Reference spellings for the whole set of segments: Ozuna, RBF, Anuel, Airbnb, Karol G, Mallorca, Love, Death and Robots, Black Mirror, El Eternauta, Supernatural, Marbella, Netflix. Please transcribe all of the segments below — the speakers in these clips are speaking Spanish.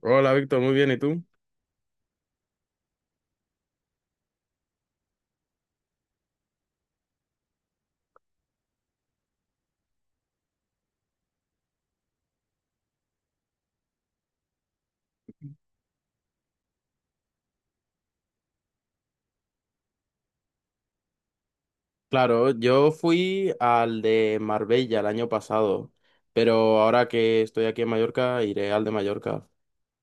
Hola, Víctor, muy bien, ¿y tú? Claro, yo fui al de Marbella el año pasado, pero ahora que estoy aquí en Mallorca, iré al de Mallorca.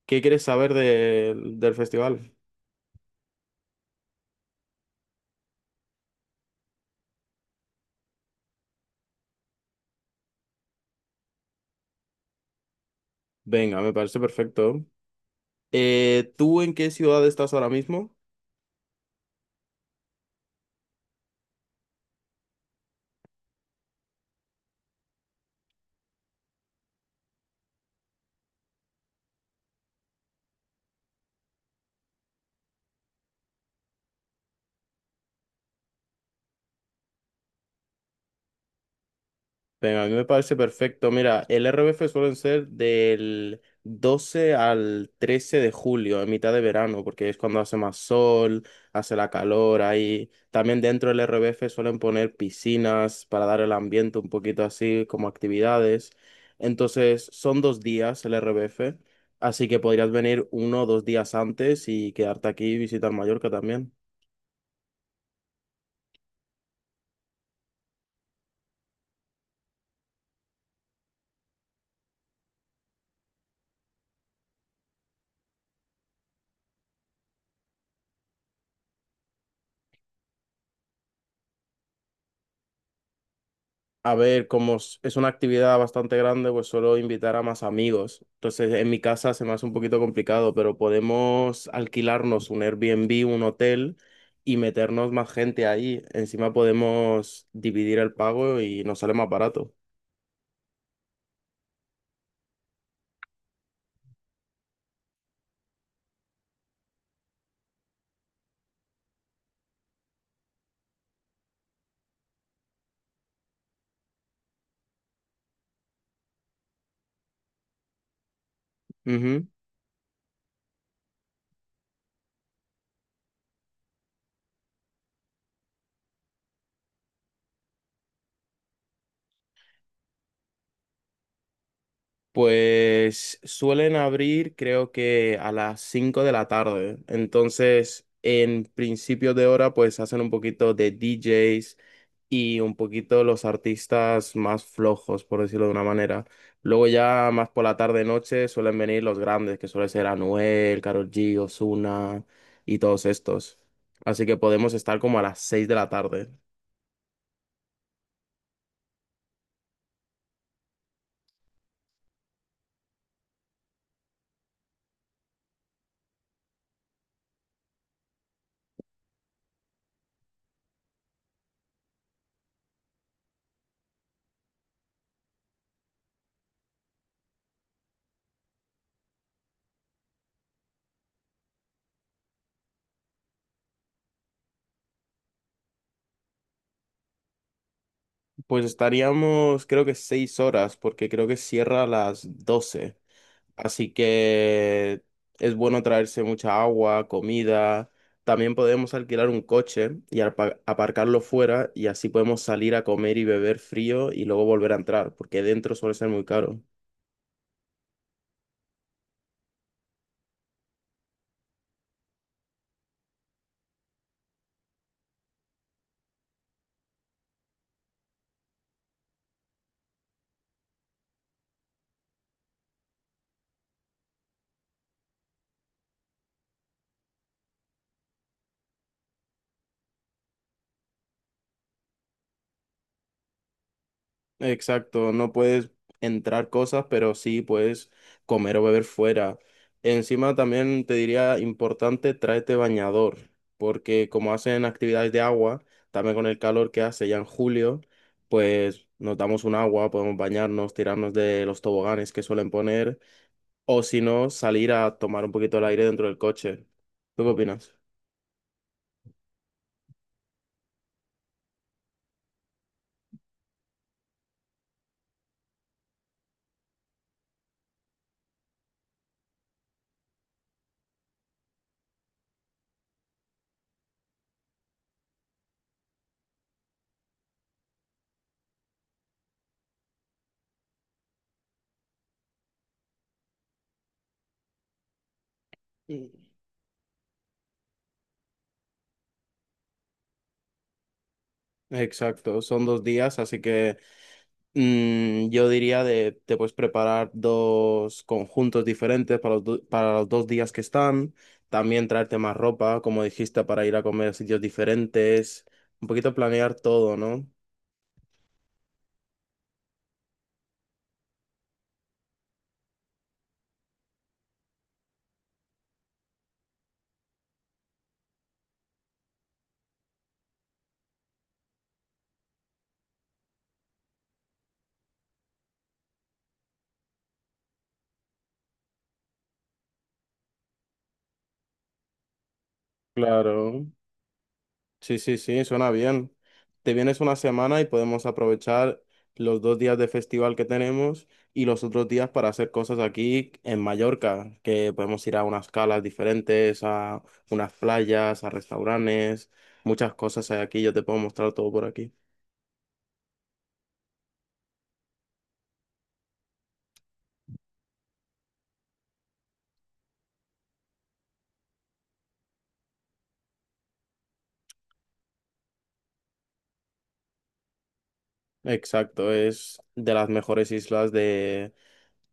¿Qué quieres saber del festival? Venga, me parece perfecto. ¿Tú en qué ciudad estás ahora mismo? Venga, a mí me parece perfecto. Mira, el RBF suelen ser del 12 al 13 de julio, en mitad de verano, porque es cuando hace más sol, hace la calor ahí. También dentro del RBF suelen poner piscinas para dar el ambiente un poquito así, como actividades. Entonces, son dos días el RBF, así que podrías venir uno o dos días antes y quedarte aquí y visitar Mallorca también. A ver, es una actividad bastante grande, pues suelo invitar a más amigos. Entonces, en mi casa se me hace un poquito complicado, pero podemos alquilarnos un Airbnb, un hotel y meternos más gente ahí. Encima podemos dividir el pago y nos sale más barato. Ujú. Pues suelen abrir creo que a las 5 de la tarde. Entonces, en principios de hora, pues hacen un poquito de DJs y un poquito los artistas más flojos, por decirlo de una manera. Luego ya más por la tarde noche suelen venir los grandes, que suele ser Anuel, Karol G, Ozuna y todos estos. Así que podemos estar como a las 6 de la tarde. Pues estaríamos creo que 6 horas, porque creo que cierra a las 12. Así que es bueno traerse mucha agua, comida. También podemos alquilar un coche y aparcarlo fuera y así podemos salir a comer y beber frío y luego volver a entrar, porque dentro suele ser muy caro. Exacto, no puedes entrar cosas, pero sí puedes comer o beber fuera. Encima también te diría importante, tráete bañador, porque como hacen actividades de agua, también con el calor que hace ya en julio, pues nos damos un agua, podemos bañarnos, tirarnos de los toboganes que suelen poner, o si no, salir a tomar un poquito el aire dentro del coche. ¿Tú qué opinas? Mm. Exacto, son dos días, así que… yo diría de, te puedes preparar dos conjuntos diferentes para para los dos días que están. También traerte más ropa, como dijiste, para ir a comer a sitios diferentes. Un poquito planear todo, ¿no? Claro. Sí, sí, sí, suena bien. Te vienes una semana y podemos aprovechar los dos días de festival que tenemos y los otros días para hacer cosas aquí en Mallorca, que podemos ir a unas calas diferentes, a unas playas, a restaurantes, muchas cosas hay aquí, yo te puedo mostrar todo por aquí. Exacto, es de las mejores islas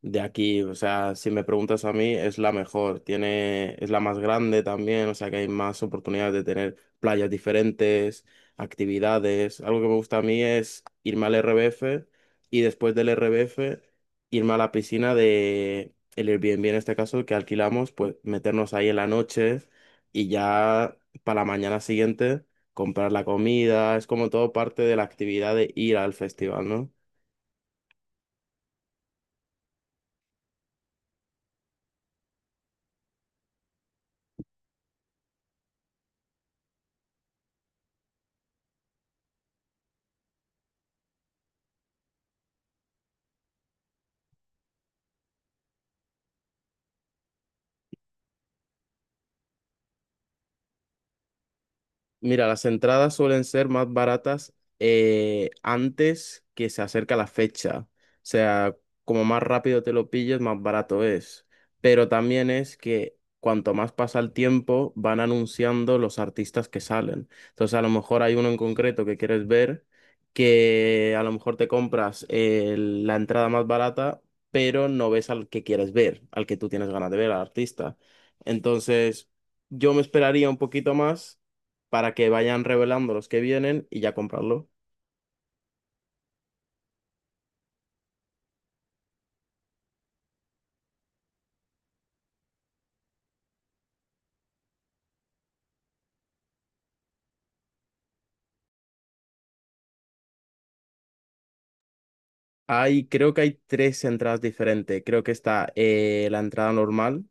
de aquí. O sea, si me preguntas a mí, es la mejor, tiene, es la más grande también, o sea que hay más oportunidades de tener playas diferentes, actividades. Algo que me gusta a mí es irme al RBF y después del RBF irme a la piscina de el Airbnb en este caso que alquilamos, pues meternos ahí en la noche y ya para la mañana siguiente comprar la comida, es como todo parte de la actividad de ir al festival, ¿no? Mira, las entradas suelen ser más baratas antes que se acerca la fecha. O sea, como más rápido te lo pilles, más barato es. Pero también es que cuanto más pasa el tiempo, van anunciando los artistas que salen. Entonces, a lo mejor hay uno en concreto que quieres ver, que a lo mejor te compras la entrada más barata, pero no ves al que quieres ver, al que tú tienes ganas de ver, al artista. Entonces, yo me esperaría un poquito más para que vayan revelando los que vienen y ya comprarlo. Hay, creo que hay tres entradas diferentes. Creo que está la entrada normal,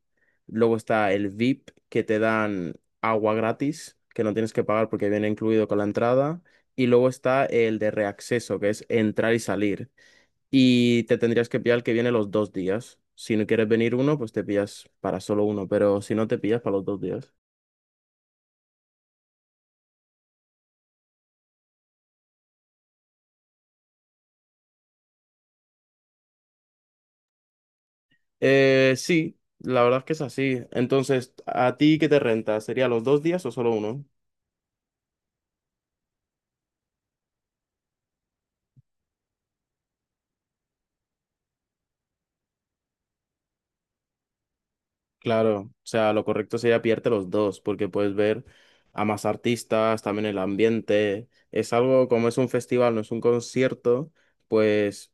luego está el VIP que te dan agua gratis, que no tienes que pagar porque viene incluido con la entrada, y luego está el de reacceso, que es entrar y salir. Y te tendrías que pillar el que viene los dos días. Si no quieres venir uno, pues te pillas para solo uno, pero si no te pillas para los dos días. Sí, la verdad es que es así. Entonces, ¿a ti qué te renta? ¿Sería los dos días o solo uno? Claro, o sea, lo correcto sería pillarte los dos, porque puedes ver a más artistas, también el ambiente. Es algo como es un festival, no es un concierto, pues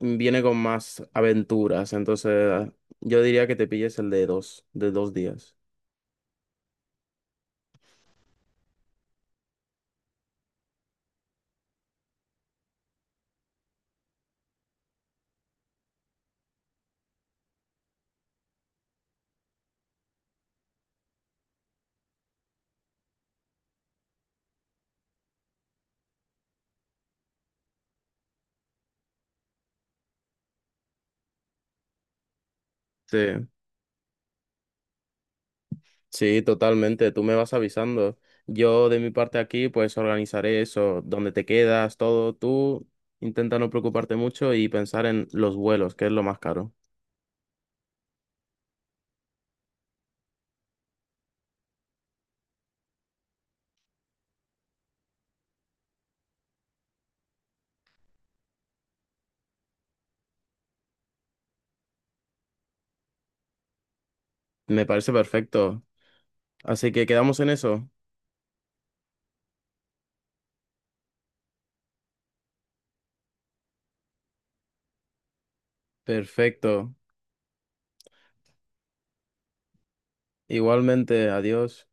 viene con más aventuras. Entonces, yo diría que te pilles el de dos días. Sí. Sí, totalmente. Tú me vas avisando. Yo de mi parte aquí, pues organizaré eso, dónde te quedas, todo. Tú intenta no preocuparte mucho y pensar en los vuelos, que es lo más caro. Me parece perfecto. Así que quedamos en eso. Perfecto. Igualmente, adiós.